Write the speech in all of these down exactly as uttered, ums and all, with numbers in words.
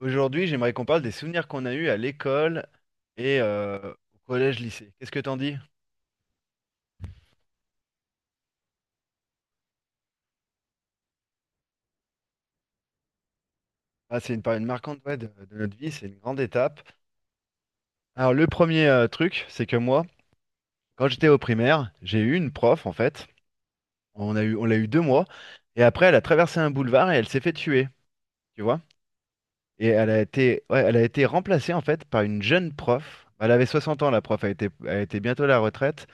Aujourd'hui, j'aimerais qu'on parle des souvenirs qu'on a eus à l'école et euh, au collège-lycée. Qu'est-ce que t'en dis? Ah, c'est une période marquante, ouais, de, de notre vie, c'est une grande étape. Alors le premier euh, truc, c'est que moi, quand j'étais au primaire, j'ai eu une prof en fait. On a eu, on l'a eu deux mois. Et après, elle a traversé un boulevard et elle s'est fait tuer, tu vois. Et elle a été, ouais, elle a été remplacée en fait par une jeune prof. Elle avait soixante ans, la prof, elle était, elle était bientôt à la retraite.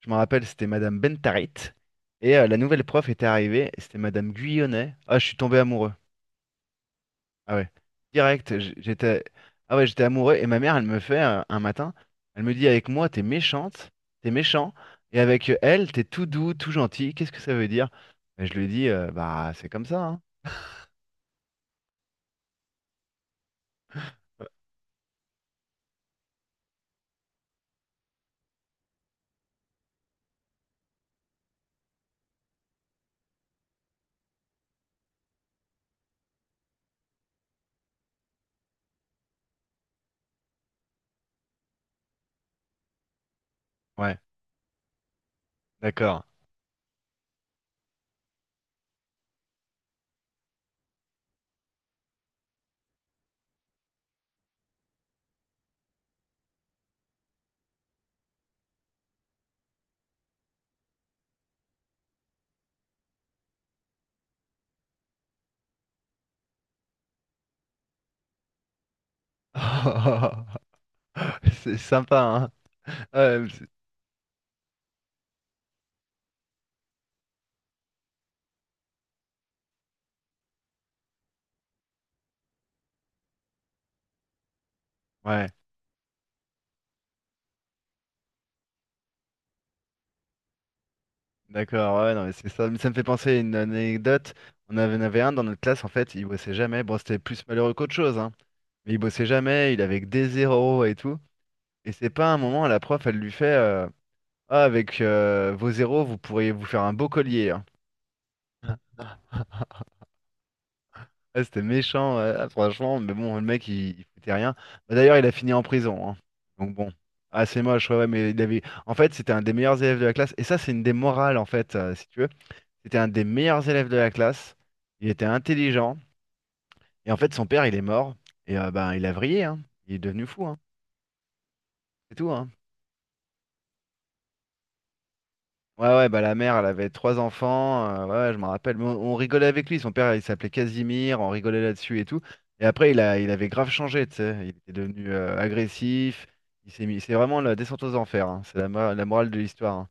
Je me rappelle, c'était Madame Bentarit. Et euh, la nouvelle prof était arrivée, et c'était Madame Guyonnet. Ah, je suis tombé amoureux. Ah ouais. Direct, j- j'étais. Ah ouais, j'étais amoureux. Et ma mère, elle me fait euh, un matin, elle me dit, avec moi, t'es méchante, t'es méchant. Et avec elle, t'es tout doux, tout gentil. Qu'est-ce que ça veut dire? Et je lui dis, euh, bah, c'est comme ça, hein. Ouais, d'accord. C'est sympa, hein. Ouais, c'est- ouais. D'accord, ouais, non, mais c'est ça. Mais ça me fait penser à une anecdote. On avait, en avait un dans notre classe, en fait, il bossait jamais. Bon, c'était plus malheureux qu'autre chose, hein. Mais il bossait jamais, il avait que des zéros et tout. Et c'est pas un moment, la prof, elle lui fait euh, ah, avec euh, vos zéros, vous pourriez vous faire un beau collier, hein. Ouais, c'était méchant, ouais, ah, franchement. Mais bon, le mec, il, il foutait rien. Bah, d'ailleurs, il a fini en prison, hein. Donc bon, ah, c'est moche, ouais, ouais, mais il avait. En fait, c'était un des meilleurs élèves de la classe. Et ça, c'est une des morales, en fait, euh, si tu veux. C'était un des meilleurs élèves de la classe. Il était intelligent. Et en fait, son père, il est mort. Et euh, ben, il a vrillé, hein. Il est devenu fou, hein. C'est tout, hein. Ouais, ouais, bah la mère, elle avait trois enfants. Euh, ouais, ouais, je m'en rappelle. Mais On, on rigolait avec lui. Son père, il s'appelait Casimir. On rigolait là-dessus et tout. Et après, il a, il avait grave changé, tu sais. Il était devenu euh, agressif. Il s'est mis. C'est vraiment la descente aux enfers, hein. C'est la, mo- la morale de l'histoire, hein.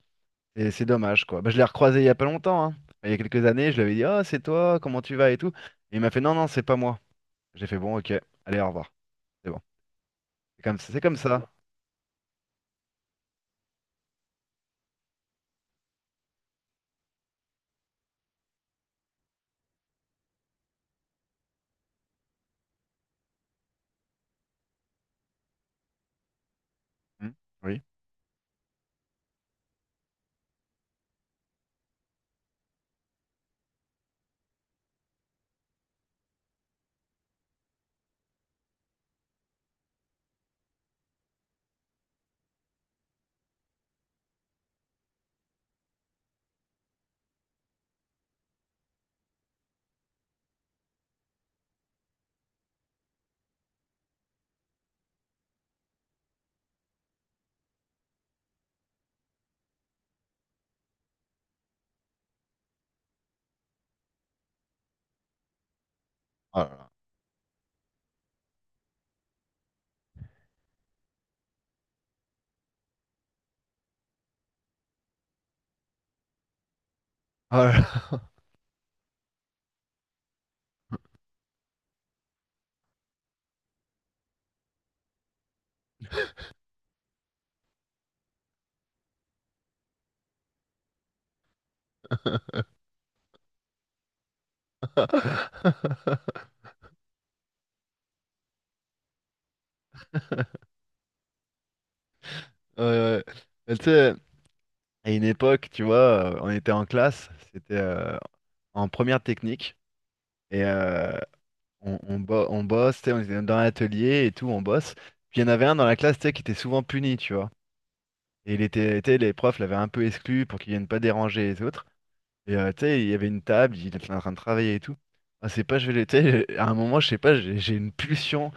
Et C'est dommage, quoi. Bah, je l'ai recroisé il y a pas longtemps, hein. Il y a quelques années, je lui avais dit, oh, c'est toi, comment tu vas et tout. Et il m'a fait, non, non, c'est pas moi. J'ai fait, bon, ok, allez, au revoir. C'est bon. C'est comme, c'est comme ça. Hmm. Oui. Oh là là. Oh là là. Ouais, ouais. Mais tu sais, à une époque, tu vois, euh, on était en classe, c'était euh, en première technique, et euh, on, on, bo- on bosse, tu sais, on était dans l'atelier et tout, on bosse. Puis il y en avait un dans la classe, tu sais, qui était souvent puni, tu vois. Et il était, tu sais, les profs l'avaient un peu exclu pour qu'il vienne pas déranger les autres. Et euh, tu sais, il y avait une table, il était en train de travailler et tout. Ah, c'est pas, je vais le- tu sais, à un moment, je sais pas, j'ai j'ai une pulsion.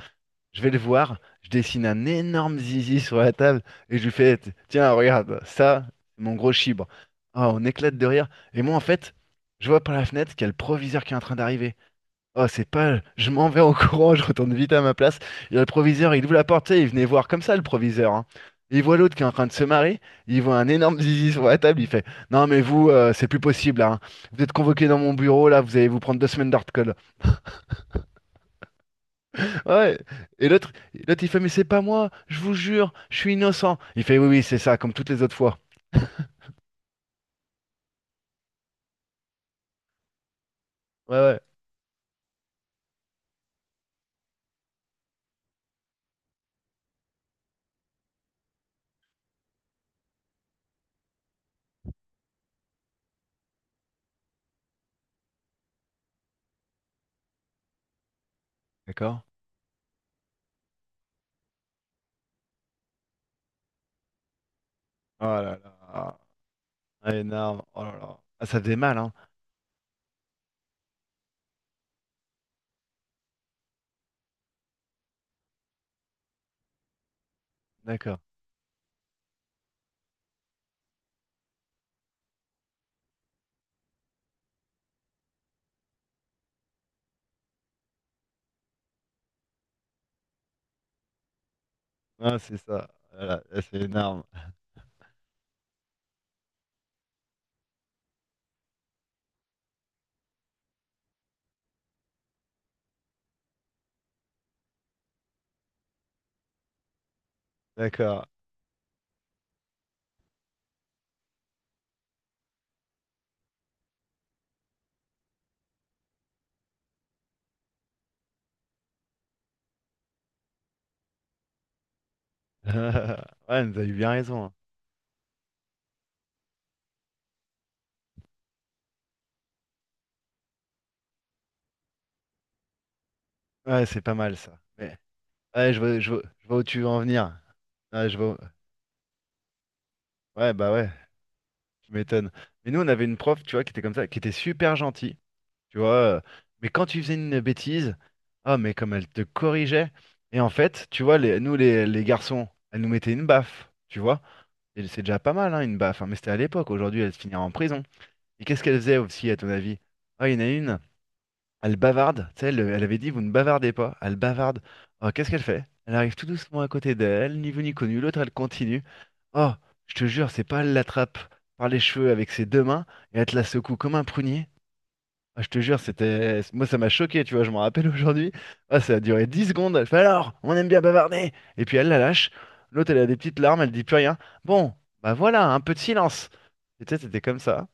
Je vais le voir, je dessine un énorme zizi sur la table et je lui fais, t- tiens, regarde, ça, c'est mon gros chibre. Ah, on éclate de rire. Et moi, en fait, je vois par la fenêtre qu'il y a le proviseur qui est en train d'arriver. Oh, c'est pas, je m'en vais en courant, je retourne vite à ma place. Il y a le proviseur, il ouvre la porte, tu sais, il venait voir comme ça le proviseur, hein. Il voit l'autre qui est en train de se marrer, il voit un énorme zizi sur la table, il fait, non mais vous, euh, c'est plus possible là, hein. Vous êtes convoqué dans mon bureau là, vous allez vous prendre deux semaines d'hard. Ouais. Et l'autre, l'autre, il fait, mais c'est pas moi, je vous jure, je suis innocent. Il fait, oui, oui, c'est ça, comme toutes les autres fois. Ouais, ouais, d'accord. Oh là là, ah, énorme. Oh là là. Ah, ça faisait mal, hein. D'accord. Ah, c'est ça. Voilà, ah, c'est énorme. D'accord. Ouais, vous avez eu bien raison, hein. Ouais, c'est pas mal ça. Mais, ouais, je vois, je vois, je vois où tu veux en venir. Ouais, je vois. Ouais, bah ouais, je m'étonne. Mais nous, on avait une prof, tu vois, qui était comme ça, qui était super gentille. Tu vois. euh, Mais quand tu faisais une bêtise, ah, mais comme elle te corrigeait. Et en fait, tu vois, les, nous, les, les garçons, elle nous mettait une baffe, tu vois. Et c'est déjà pas mal, hein, une baffe, hein. Mais c'était à l'époque. Aujourd'hui, elle se finirait en prison. Et qu'est-ce qu'elle faisait aussi, à ton avis? Ah, il y en a une, elle bavarde. Tu sais, elle, elle avait dit, vous ne bavardez pas. Elle bavarde. Ah, qu'est-ce qu'elle fait? Elle arrive tout doucement à côté d'elle, ni vu ni connu. L'autre, elle continue. Oh, je te jure, c'est pas, elle l'attrape par les cheveux avec ses deux mains et elle te la secoue comme un prunier. Ah, je te jure, c'était. Moi, ça m'a choqué, tu vois, je m'en rappelle aujourd'hui. Ah, ça a duré dix secondes. Elle fait, alors, on aime bien bavarder. Et puis elle la lâche. L'autre, elle a des petites larmes, elle dit plus rien. Bon, bah voilà, un peu de silence. Et tu sais, c'était comme ça.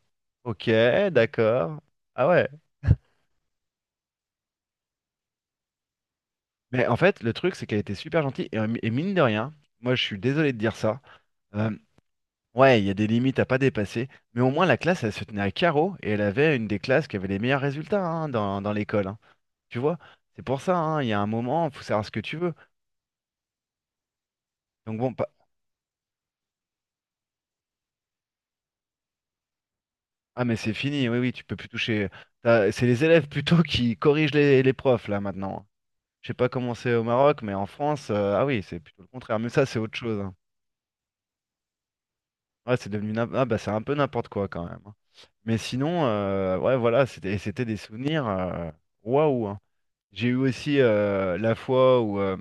Ok, d'accord. Ah ouais. Mais en fait, le truc, c'est qu'elle était super gentille. Et, euh, et mine de rien, moi, je suis désolé de dire ça. Euh, Ouais, il y a des limites à pas dépasser, mais au moins la classe, elle se tenait à carreau et elle avait une des classes qui avait les meilleurs résultats, hein, dans, dans l'école, hein. Tu vois, c'est pour ça, hein, il y a un moment, il faut savoir ce que tu veux. Donc bon, pas- ah mais c'est fini, oui, oui, tu peux plus toucher. T'as- C'est les élèves plutôt qui corrigent les, les profs là maintenant. Je sais pas comment c'est au Maroc, mais en France, euh, ah oui, c'est plutôt le contraire. Mais ça, c'est autre chose, hein. Ouais, c'est devenu n'im- ah bah c'est un peu n'importe quoi quand même, hein. Mais sinon, euh, ouais, voilà, c'était c'était des souvenirs. euh, Waouh, hein. J'ai eu aussi euh, la fois où euh,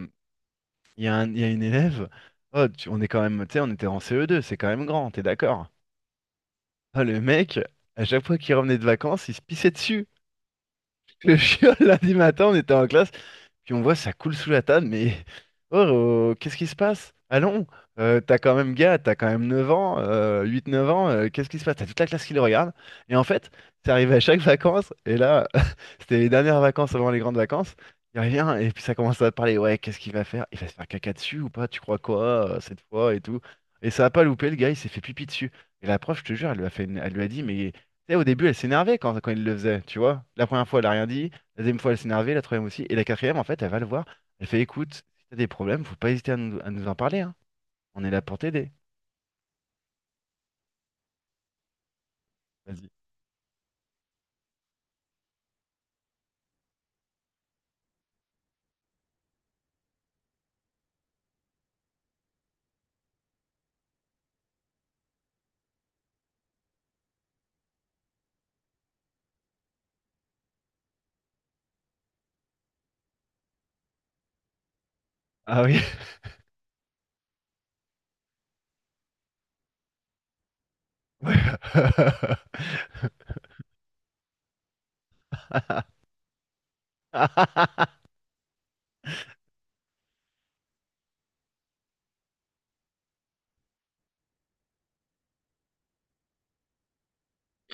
il y a un- il y a une élève. Oh, tu- on est quand même, tu sais, on était en C E deux, c'est quand même grand, t'es d'accord? Ah, le mec, à chaque fois qu'il revenait de vacances, il se pissait dessus. Le chien, lundi matin, on était en classe. Puis on voit ça coule sous la table, mais oh, oh, qu'est-ce qui se passe? Allons, euh, t'as quand même gars, t'as quand même neuf ans, euh, huit neuf ans, euh, qu'est-ce qui se passe? T'as toute la classe qui le regarde. Et en fait, c'est arrivé à chaque vacances, et là, c'était les dernières vacances avant les grandes vacances. Il revient, et puis ça commence à parler, ouais, qu'est-ce qu'il va faire? Il va se faire caca dessus ou pas? Tu crois quoi, euh, cette fois et tout? Et ça a pas loupé, le gars, il s'est fait pipi dessus. Et la prof, je te jure, elle lui a fait une- elle lui a dit, mais tu sais, au début, elle s'énervait quand, quand il le faisait, tu vois. La première fois, elle a rien dit. La deuxième fois, elle s'est énervée, la troisième aussi. Et la quatrième, en fait, elle va le voir. Elle fait, écoute, si t'as des problèmes, faut pas hésiter à nous, à nous en parler, hein. On est là pour t'aider. Vas-y. Ah oui. Ouais.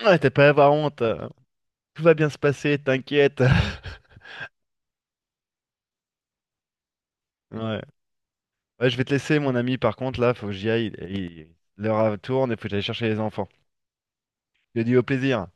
Ouais, t'as pas à avoir honte. Tout va bien se passer, t'inquiète. Ouais. Ouais, je vais te laisser, mon ami, par contre, là, faut que j'y aille. Il- L'heure euh, tourne et faut que j'aille chercher les enfants. Je te dis au plaisir.